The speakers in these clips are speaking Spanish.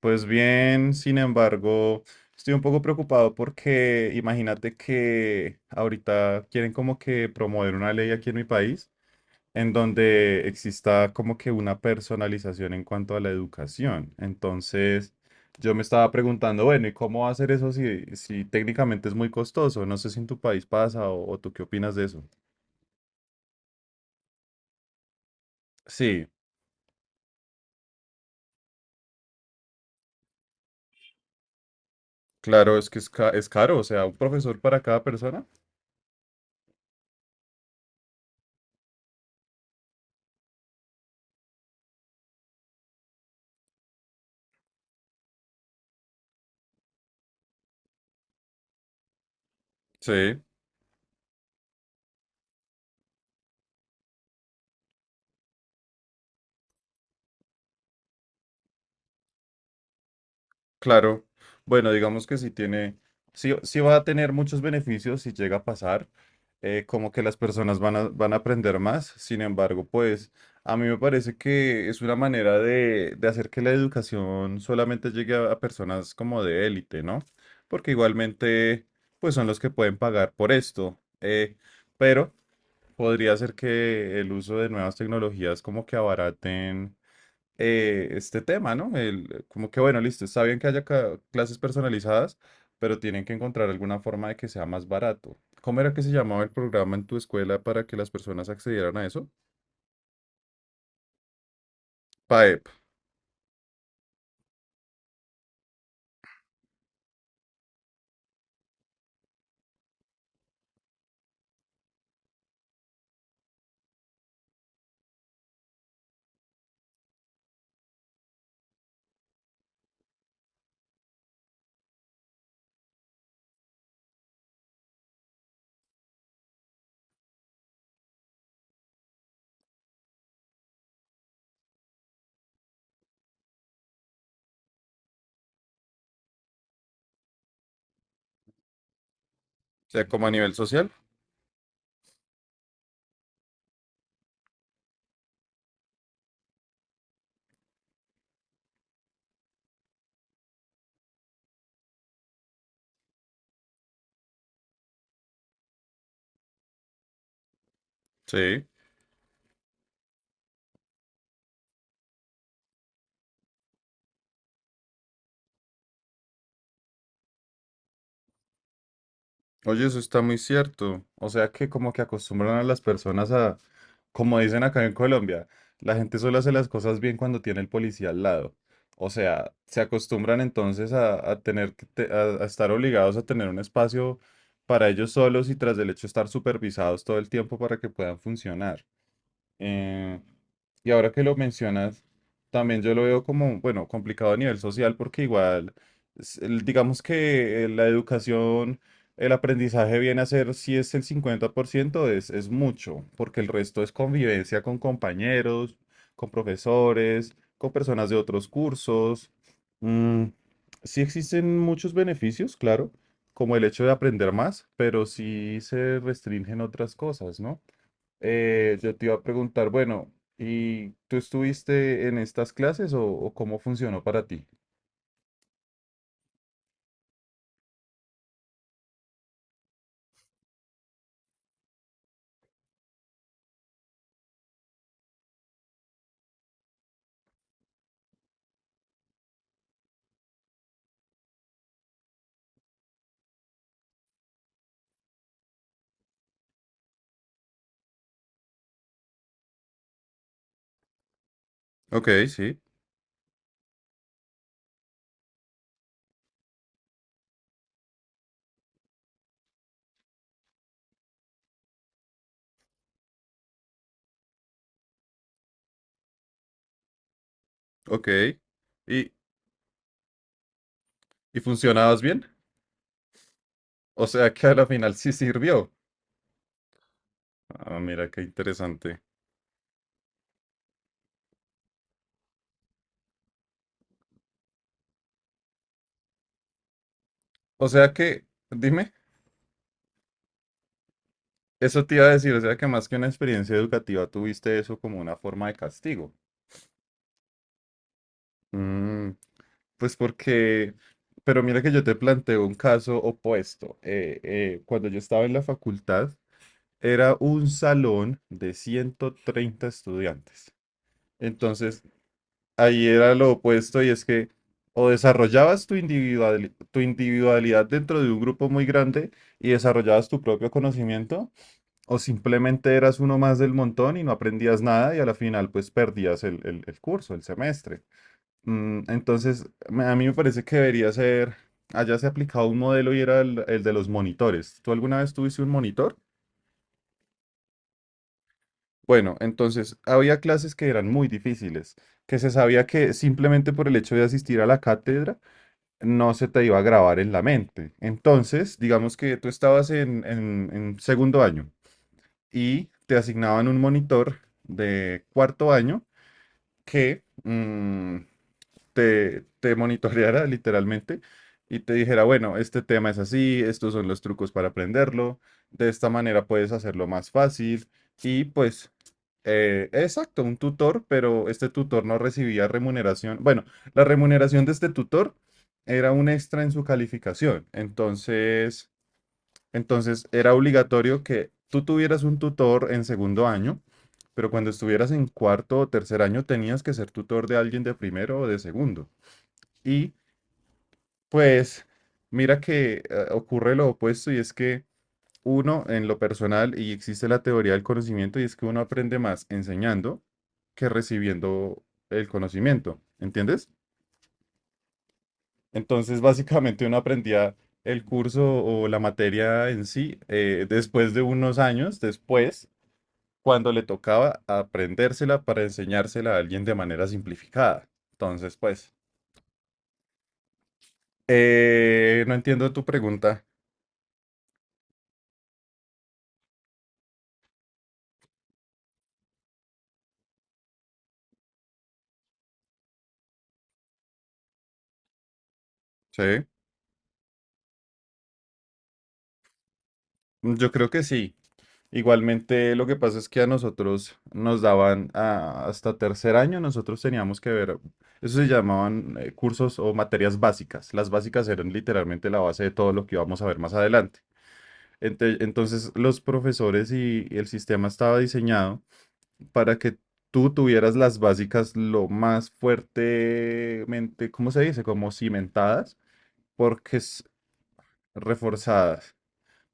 Pues bien, sin embargo, estoy un poco preocupado porque imagínate que ahorita quieren como que promover una ley aquí en mi país en donde exista como que una personalización en cuanto a la educación. Entonces, yo me estaba preguntando, bueno, ¿y cómo hacer eso si técnicamente es muy costoso? No sé si en tu país pasa o tú qué opinas de eso. Sí, claro, es que es caro, o sea, un profesor para cada persona. Sí. Claro, bueno, digamos que sí tiene, sí, sí va a tener muchos beneficios si llega a pasar, como que las personas van a aprender más, sin embargo, pues a mí me parece que es una manera de hacer que la educación solamente llegue a personas como de élite, ¿no? Porque igualmente, pues son los que pueden pagar por esto, pero podría ser que el uso de nuevas tecnologías como que abaraten este tema, ¿no? El, como que, bueno, listo, está bien que haya clases personalizadas, pero tienen que encontrar alguna forma de que sea más barato. ¿Cómo era que se llamaba el programa en tu escuela para que las personas accedieran a eso? PAEP, o sea, como a nivel social. Sí. Oye, eso está muy cierto. O sea que como que acostumbran a las personas a como dicen acá en Colombia, la gente solo hace las cosas bien cuando tiene el policía al lado. O sea, se acostumbran entonces a, a estar obligados a tener un espacio para ellos solos y tras del hecho estar supervisados todo el tiempo para que puedan funcionar. Eh, y ahora que lo mencionas, también yo lo veo como, bueno, complicado a nivel social porque igual, digamos que la educación, el aprendizaje viene a ser, si es el 50% es mucho, porque el resto es convivencia con compañeros, con profesores, con personas de otros cursos. Mm, sí existen muchos beneficios, claro, como el hecho de aprender más, pero sí se restringen otras cosas, ¿no? Yo te iba a preguntar, bueno, ¿y tú estuviste en estas clases o cómo funcionó para ti? Ok, sí, ok. ¿Y, y funcionabas bien? O sea que a la final sí sirvió. Ah, mira qué interesante. O sea que, dime, eso te iba a decir, o sea que más que una experiencia educativa tuviste eso como una forma de castigo. Mm, pues porque, pero mira que yo te planteo un caso opuesto. Cuando yo estaba en la facultad, era un salón de 130 estudiantes. Entonces, ahí era lo opuesto y es que o desarrollabas tu individualidad dentro de un grupo muy grande y desarrollabas tu propio conocimiento, o simplemente eras uno más del montón y no aprendías nada y a la final pues perdías el curso, el semestre. Mm, entonces, a mí me parece que debería ser, allá se ha aplicado un modelo y era el de los monitores. ¿Tú alguna vez tuviste un monitor? Bueno, entonces había clases que eran muy difíciles, que se sabía que simplemente por el hecho de asistir a la cátedra no se te iba a grabar en la mente. Entonces, digamos que tú estabas en segundo año y te asignaban un monitor de cuarto año que, mm, te monitoreara literalmente y te dijera, bueno, este tema es así, estos son los trucos para aprenderlo, de esta manera puedes hacerlo más fácil y pues, exacto, un tutor, pero este tutor no recibía remuneración. Bueno, la remuneración de este tutor era un extra en su calificación, entonces era obligatorio que tú tuvieras un tutor en segundo año. Pero cuando estuvieras en cuarto o tercer año tenías que ser tutor de alguien de primero o de segundo. Y pues mira que ocurre lo opuesto y es que uno en lo personal, y existe la teoría del conocimiento, y es que uno aprende más enseñando que recibiendo el conocimiento, ¿entiendes? Entonces básicamente uno aprendía el curso o la materia en sí después de unos años, después, cuando le tocaba aprendérsela para enseñársela a alguien de manera simplificada. Entonces, pues, no entiendo tu pregunta, ¿sí? Mm, yo creo que sí. Igualmente, lo que pasa es que a nosotros nos daban ah, hasta tercer año, nosotros teníamos que ver, eso se llamaban cursos o materias básicas. Las básicas eran literalmente la base de todo lo que íbamos a ver más adelante. Entonces, los profesores y el sistema estaba diseñado para que tú tuvieras las básicas lo más fuertemente, ¿cómo se dice? Como cimentadas, porque es reforzadas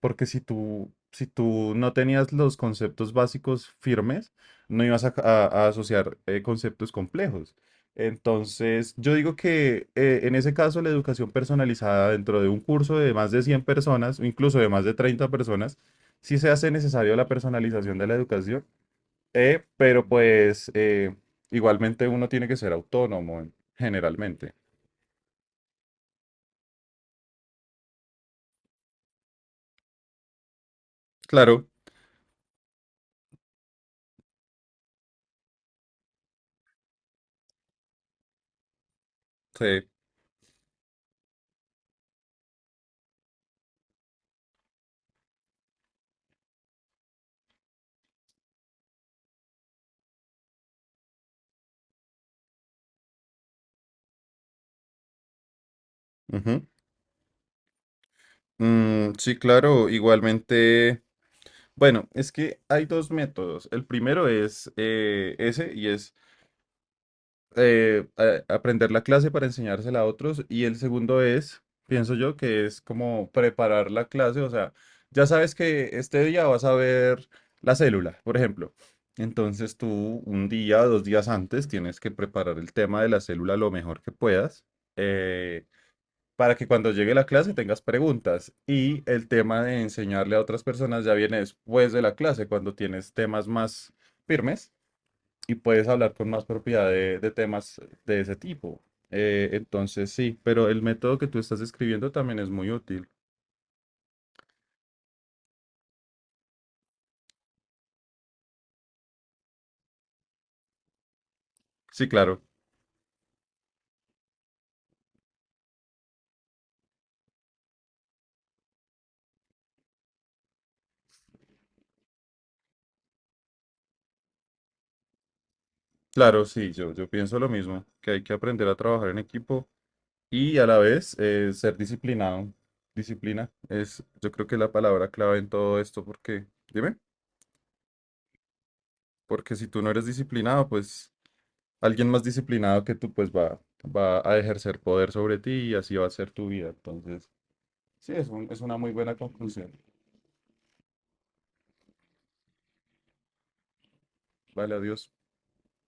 porque si tú no tenías los conceptos básicos firmes, no ibas a asociar conceptos complejos. Entonces, yo digo que en ese caso la educación personalizada dentro de un curso de más de 100 personas, o incluso de más de 30 personas, sí se hace necesario la personalización de la educación, pero igualmente uno tiene que ser autónomo generalmente. Claro, sí. Ujú. Mm, sí, claro, igualmente. Bueno, es que hay dos métodos. El primero es ese y es aprender la clase para enseñársela a otros. Y el segundo es, pienso yo, que es como preparar la clase. O sea, ya sabes que este día vas a ver la célula, por ejemplo. Entonces tú un día, dos días antes, tienes que preparar el tema de la célula lo mejor que puedas. eh, para que cuando llegue la clase tengas preguntas. Y el tema de enseñarle a otras personas ya viene después de la clase, cuando tienes temas más firmes y puedes hablar con más propiedad de temas de ese tipo. Entonces, sí, pero el método que tú estás escribiendo también es muy útil. Sí, claro, claro, sí, yo pienso lo mismo, que hay que aprender a trabajar en equipo y a la vez ser disciplinado. Disciplina es, yo creo que es la palabra clave en todo esto, porque, dime, porque si tú no eres disciplinado, pues alguien más disciplinado que tú, pues va, va a ejercer poder sobre ti y así va a ser tu vida. Entonces, sí, es una muy buena conclusión. Vale, adiós.